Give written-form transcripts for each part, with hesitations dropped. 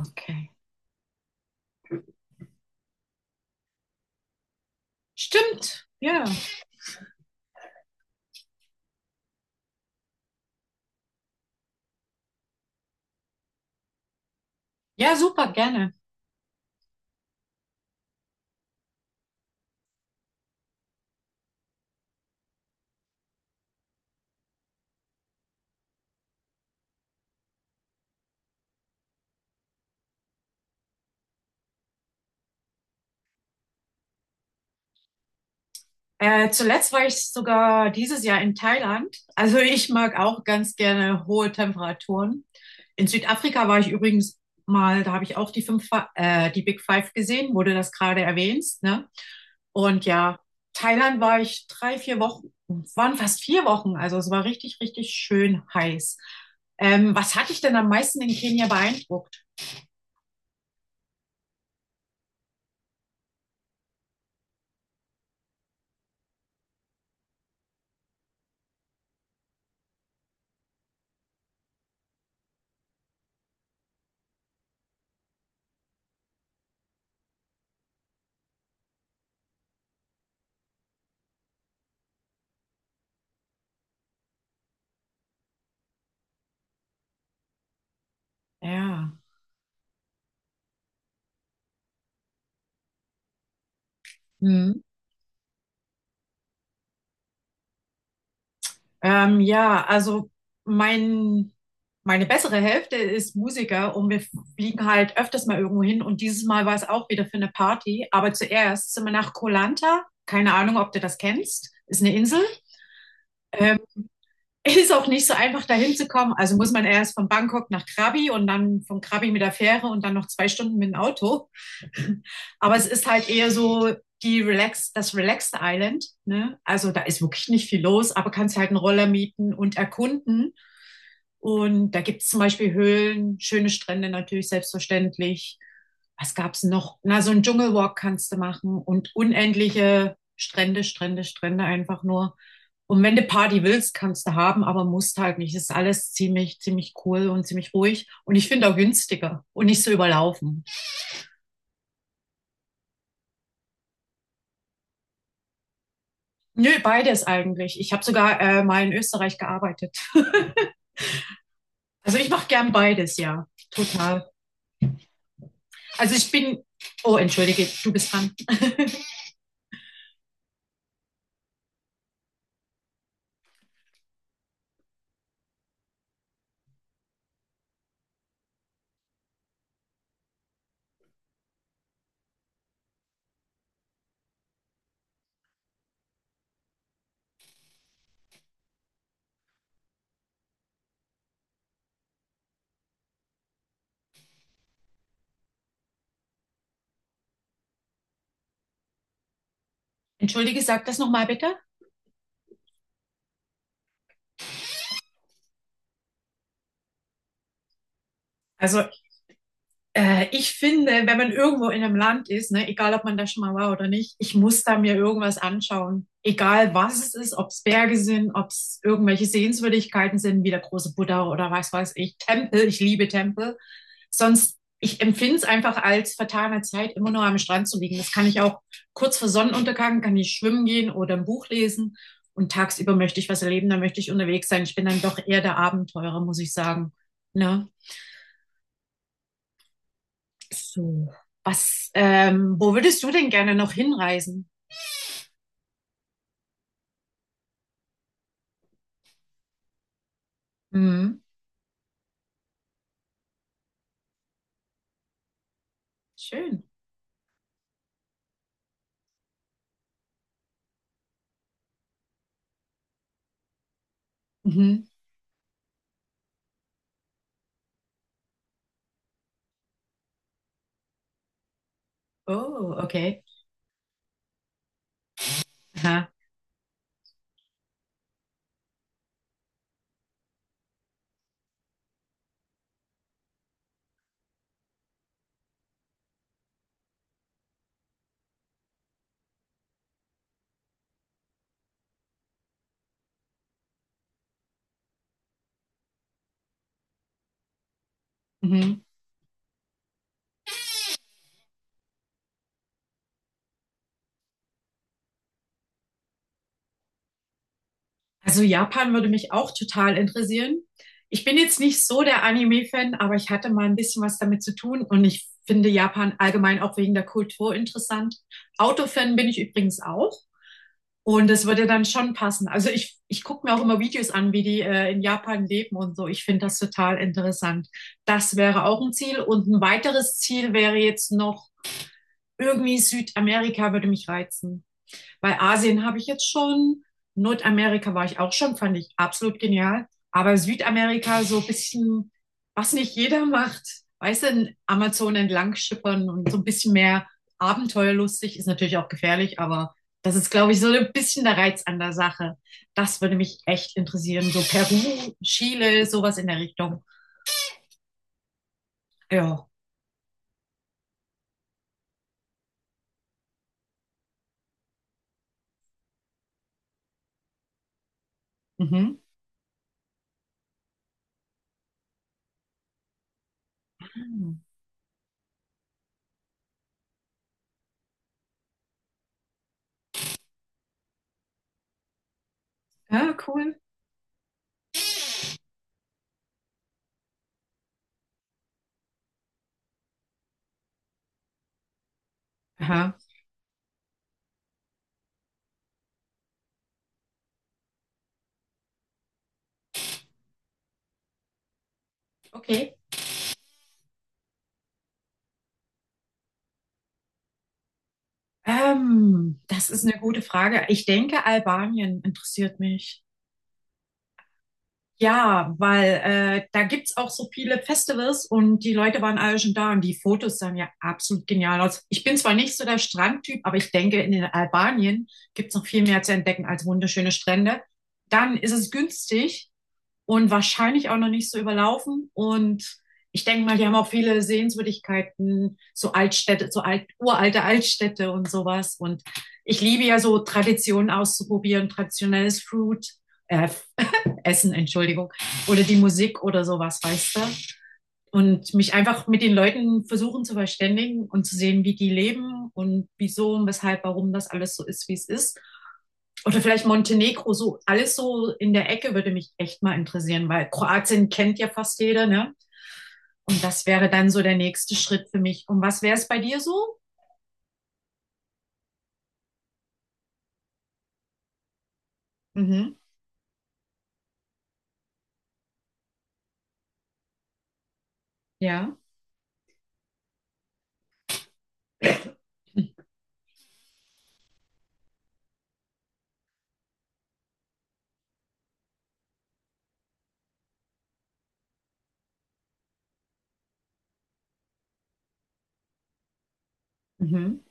Okay. Stimmt. Ja. Ja, super, gerne. Zuletzt war ich sogar dieses Jahr in Thailand. Also ich mag auch ganz gerne hohe Temperaturen. In Südafrika war ich übrigens mal, da habe ich auch die Big Five gesehen, wo du das gerade erwähnst, ne? Und ja, Thailand war ich drei, vier Wochen, waren fast vier Wochen. Also es war richtig schön heiß. Was hat dich denn am meisten in Kenia beeindruckt? Ja. Hm. Ja, also mein, meine bessere Hälfte ist Musiker und wir fliegen halt öfters mal irgendwo hin und dieses Mal war es auch wieder für eine Party. Aber zuerst sind wir nach Koh Lanta. Keine Ahnung, ob du das kennst. Ist eine Insel, ist auch nicht so einfach, dahin zu kommen. Also muss man erst von Bangkok nach Krabi und dann von Krabi mit der Fähre und dann noch zwei Stunden mit dem Auto. Aber es ist halt eher so die Relax, das Relaxed Island. Ne? Also da ist wirklich nicht viel los, aber kannst halt einen Roller mieten und erkunden. Und da gibt es zum Beispiel Höhlen, schöne Strände natürlich selbstverständlich. Was gab's noch? Na, so einen Dschungelwalk kannst du machen und unendliche Strände, Strände, Strände einfach nur. Und wenn du Party willst, kannst du haben, aber musst halt nicht. Das ist alles ziemlich cool und ziemlich ruhig. Und ich finde auch günstiger und nicht so überlaufen. Nö, beides eigentlich. Ich habe sogar mal in Österreich gearbeitet. Also ich mache gern beides, ja. Total. Also ich bin. Oh, entschuldige, du bist dran. Entschuldige, sag das nochmal bitte. Also ich finde, wenn man irgendwo in einem Land ist, ne, egal ob man da schon mal war oder nicht, ich muss da mir irgendwas anschauen. Egal was es ist, ob es Berge sind, ob es irgendwelche Sehenswürdigkeiten sind, wie der große Buddha oder was weiß ich, Tempel, ich liebe Tempel. Sonst, ich empfinde es einfach als vertane Zeit, immer nur am Strand zu liegen. Das kann ich auch kurz vor Sonnenuntergang, kann ich schwimmen gehen oder ein Buch lesen. Und tagsüber möchte ich was erleben, da möchte ich unterwegs sein. Ich bin dann doch eher der Abenteurer, muss ich sagen. Ne? So, wo würdest du denn gerne noch hinreisen? Mhm. Schön. Mhm. Oh, okay. Aha. Mhm. Also Japan würde mich auch total interessieren. Ich bin jetzt nicht so der Anime-Fan, aber ich hatte mal ein bisschen was damit zu tun und ich finde Japan allgemein auch wegen der Kultur interessant. Autofan bin ich übrigens auch. Und das würde dann schon passen. Also ich gucke mir auch immer Videos an, wie die in Japan leben und so. Ich finde das total interessant. Das wäre auch ein Ziel. Und ein weiteres Ziel wäre jetzt noch irgendwie Südamerika, würde mich reizen. Bei Asien habe ich jetzt schon, Nordamerika war ich auch schon, fand ich absolut genial. Aber Südamerika so ein bisschen, was nicht jeder macht, weißt du, Amazon entlang schippern und so ein bisschen mehr abenteuerlustig, ist natürlich auch gefährlich, aber das ist, glaube ich, so ein bisschen der Reiz an der Sache. Das würde mich echt interessieren. So Peru, Chile, sowas in der Richtung. Ja. Mhm. Ja, cool. Aha. Okay. Das ist eine gute Frage. Ich denke, Albanien interessiert mich. Ja, weil da gibt's auch so viele Festivals und die Leute waren alle schon da und die Fotos sahen ja absolut genial aus. Ich bin zwar nicht so der Strandtyp, aber ich denke, in den Albanien gibt's noch viel mehr zu entdecken als wunderschöne Strände. Dann ist es günstig und wahrscheinlich auch noch nicht so überlaufen. Und ich denke mal, die haben auch viele Sehenswürdigkeiten, so Altstädte, uralte Altstädte und sowas. Und ich liebe ja so Traditionen auszuprobieren, traditionelles Food äh, Essen, Entschuldigung, oder die Musik oder sowas, weißt du? Und mich einfach mit den Leuten versuchen zu verständigen und zu sehen, wie die leben und wieso und weshalb, warum das alles so ist, wie es ist. Oder vielleicht Montenegro, so alles so in der Ecke würde mich echt mal interessieren, weil Kroatien kennt ja fast jeder, ne? Und das wäre dann so der nächste Schritt für mich. Und was wäre es bei dir so? Mhm. Ja. Mhm.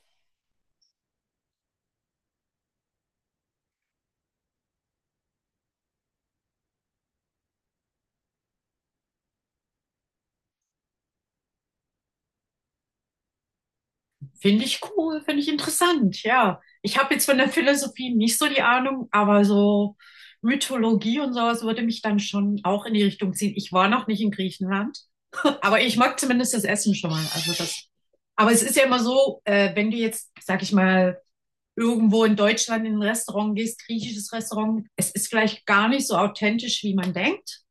Finde ich cool, finde ich interessant, ja. Ich habe jetzt von der Philosophie nicht so die Ahnung, aber so Mythologie und sowas würde mich dann schon auch in die Richtung ziehen. Ich war noch nicht in Griechenland, aber ich mag zumindest das Essen schon mal. Also das. Aber es ist ja immer so, wenn du jetzt, sag ich mal, irgendwo in Deutschland in ein Restaurant gehst, griechisches Restaurant, es ist vielleicht gar nicht so authentisch, wie man denkt.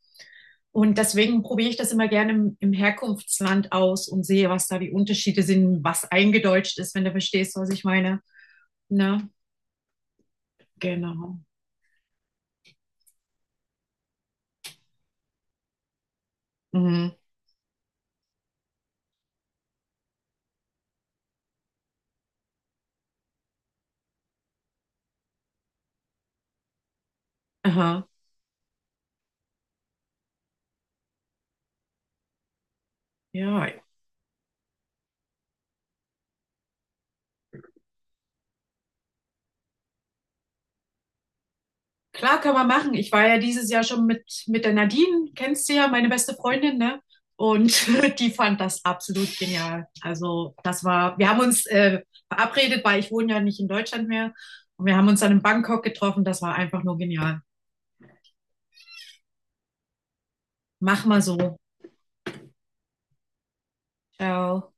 Und deswegen probiere ich das immer gerne im Herkunftsland aus und sehe, was da die Unterschiede sind, was eingedeutscht ist, wenn du verstehst, was ich meine. Ne? Genau. Mhm. Aha. Ja, klar kann man machen. Ich war ja dieses Jahr schon mit der Nadine, kennst du ja, meine beste Freundin, ne? Und die fand das absolut genial. Also das war, wir haben uns verabredet, weil ich wohne ja nicht in Deutschland mehr. Und wir haben uns dann in Bangkok getroffen. Das war einfach nur genial. Mach mal so. Ciao.